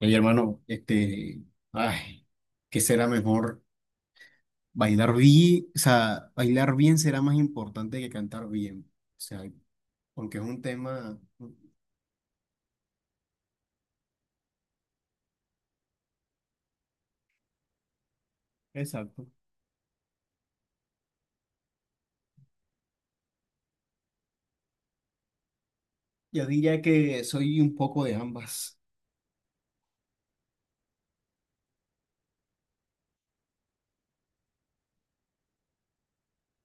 Oye, hermano, ay, ¿qué será mejor? Bailar bien, o sea, bailar bien será más importante que cantar bien. O sea, porque es un tema. Exacto. Yo diría que soy un poco de ambas.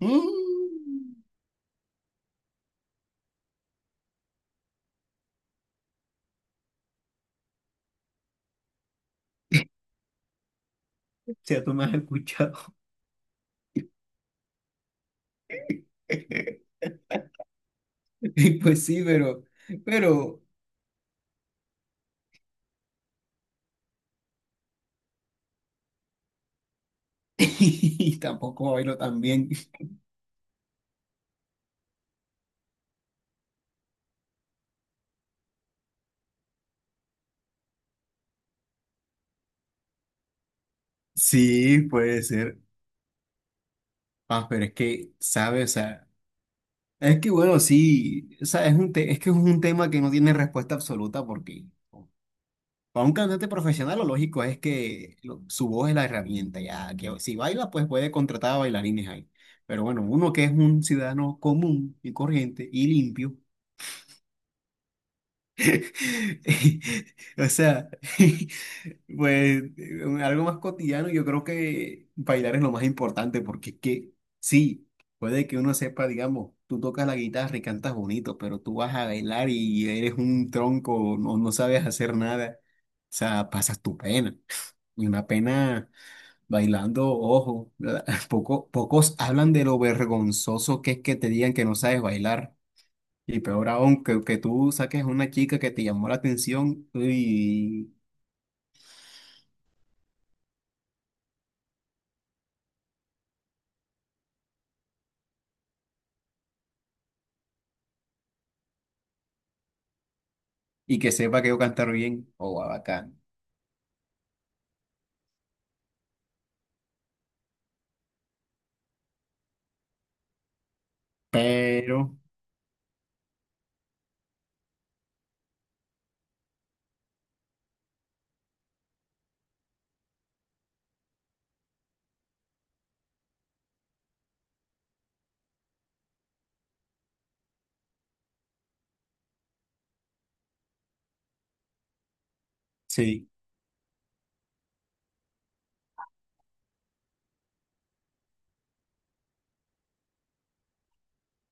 Mm, sea, tú me has escuchado. Y pues sí, pero y tampoco bailo tan bien. Sí, puede ser. Ah, pero es que, ¿sabes? O sea, es que bueno, sí, o sea, es que es un tema que no tiene respuesta absoluta porque para un cantante profesional lo lógico es que su voz es la herramienta, ya que si baila pues puede contratar a bailarines ahí. Pero bueno, uno que es un ciudadano común y corriente y limpio, o sea, pues algo más cotidiano, yo creo que bailar es lo más importante, porque es que sí, puede que uno sepa, digamos, tú tocas la guitarra y cantas bonito, pero tú vas a bailar y eres un tronco, no, no sabes hacer nada. O sea, pasas tu pena. Y una pena bailando, ojo, pocos hablan de lo vergonzoso que es que te digan que no sabes bailar. Y peor aún, que tú saques a una chica que te llamó la atención y que sepa que yo cantar bien, o oh, bacán. Pero, sí,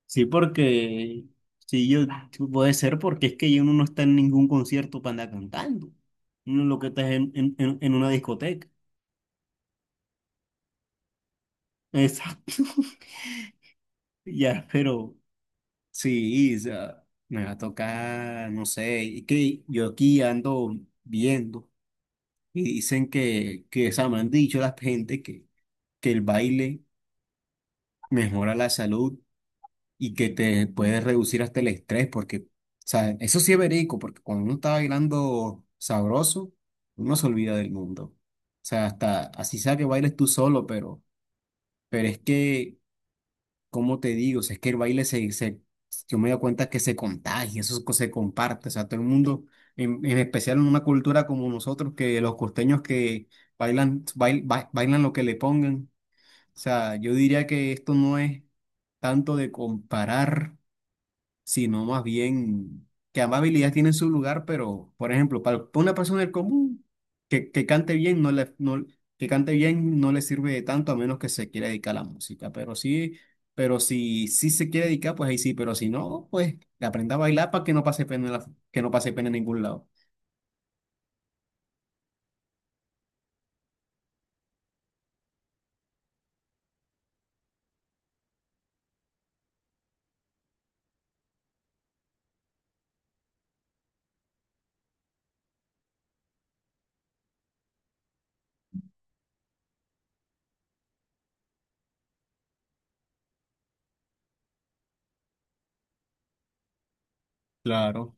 sí, porque sí, yo puede ser porque es que uno no está en ningún concierto para andar cantando. Uno lo que está es en una discoteca. Exacto. Ya, pero sí, o sea, me va a tocar, no sé, y que yo aquí ando viendo y dicen que o sea, me han dicho la gente que el baile mejora la salud y que te puede reducir hasta el estrés, porque, o sea, eso sí es verídico, porque cuando uno está bailando sabroso, uno se olvida del mundo. O sea, hasta así sea que bailes tú solo, pero es que, ¿cómo te digo? O sea, es que el baile yo me doy cuenta que se contagia, se comparte, o sea, todo el mundo, en especial en una cultura como nosotros, que los costeños que bailan lo que le pongan. O sea, yo diría que esto no es tanto de comparar, sino más bien que ambas habilidades tienen su lugar, pero, por ejemplo, para una persona del común que cante bien, no le, no- que cante bien no le sirve de tanto a menos que se quiera dedicar a la música, pero sí, pero si sí se quiere dedicar, pues ahí sí, pero si no, pues aprenda a bailar para que no pase pena, que no pase pena en ningún lado. Claro.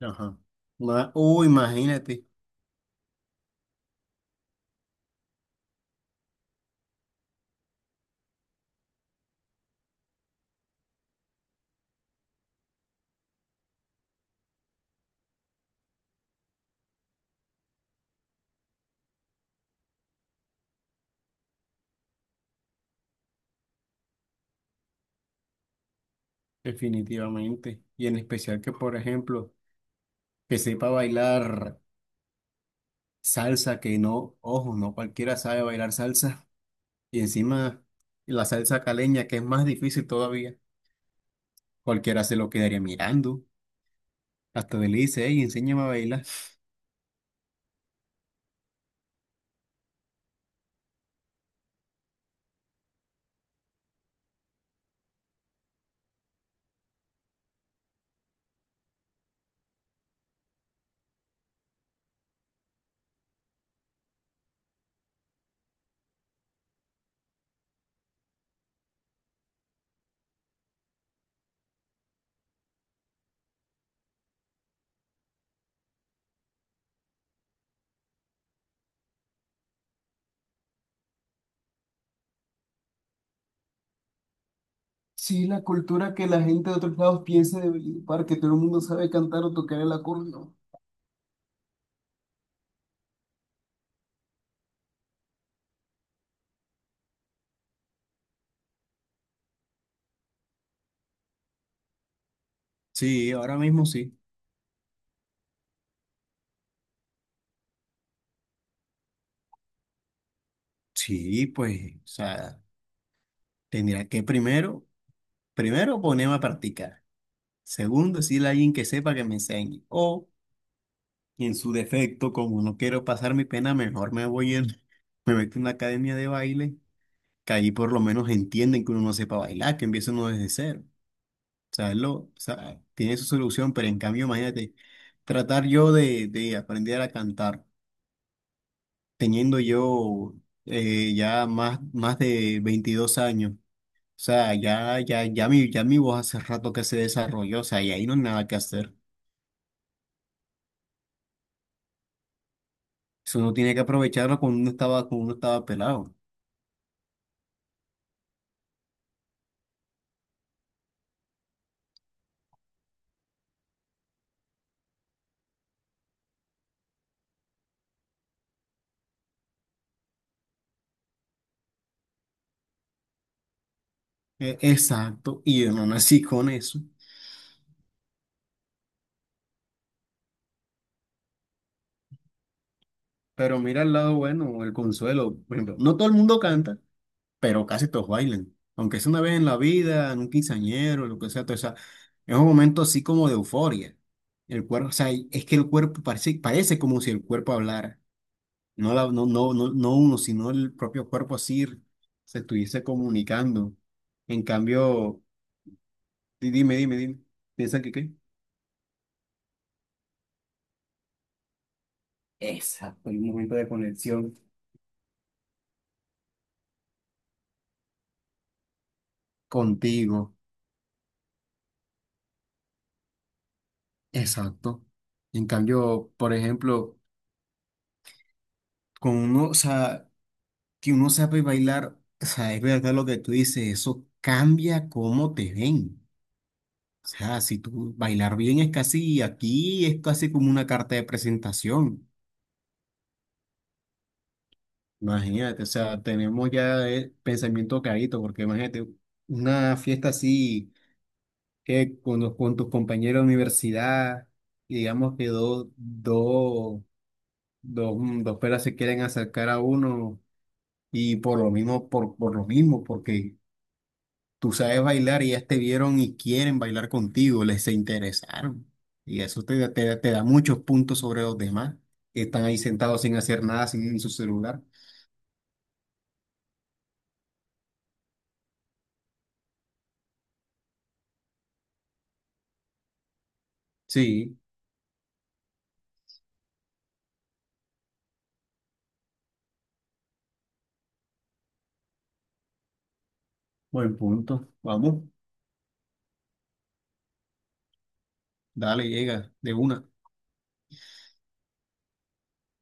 Ajá. Uy, imagínate, definitivamente. Y en especial que, por ejemplo, que sepa bailar salsa, que no, ojo, no cualquiera sabe bailar salsa. Y encima la salsa caleña, que es más difícil todavía. Cualquiera se lo quedaría mirando. Hasta le dice, hey, enséñame a bailar. Sí, la cultura que la gente de otros lados piensa de Valledupar, que todo el mundo sabe cantar o tocar el acordeón. Sí, ahora mismo sí. Sí, pues, o sea, tendría que primero, primero ponerme a practicar. Segundo, decirle a alguien que sepa que me enseñe. O y en su defecto, como no quiero pasar mi pena, mejor me voy en, me meto en una academia de baile, que ahí por lo menos entienden que uno no sepa bailar, que empieza uno desde cero. O sea, es lo, o sea, tiene su solución, pero en cambio, imagínate, tratar yo de aprender a cantar, teniendo yo ya más de 22 años. O sea, ya mi voz hace rato que se desarrolló, o sea, y ahí no hay nada que hacer. Eso uno tiene que aprovecharlo cuando uno estaba pelado. Exacto, y yo no nací con eso. Pero mira el lado bueno, el consuelo. Por ejemplo, no todo el mundo canta, pero casi todos bailan. Aunque sea una vez en la vida, en un quinceañero, lo que sea, es un momento así como de euforia. El cuerpo, o sea, es que el cuerpo parece, parece como si el cuerpo hablara. No, no, no, no uno, sino el propio cuerpo así se estuviese comunicando. En cambio, dime. ¿Piensan que qué? Exacto, hay un momento de conexión contigo. Exacto. En cambio, por ejemplo, con uno, o sea, que uno sabe bailar, o sea, es verdad lo que tú dices, eso cambia cómo te ven. O sea, si tú bailar bien es casi, aquí es casi como una carta de presentación. Imagínate, o sea, tenemos ya el pensamiento clarito, porque imagínate, una fiesta así, con tus compañeros de universidad, y digamos que dos, dos peras se quieren acercar a uno. Y por lo mismo, por lo mismo, porque tú sabes bailar y ellas te vieron y quieren bailar contigo, les se interesaron. Y eso te da muchos puntos sobre los demás, que están ahí sentados sin hacer nada, sin en su celular. Sí, buen punto. Vamos, dale, llega de una.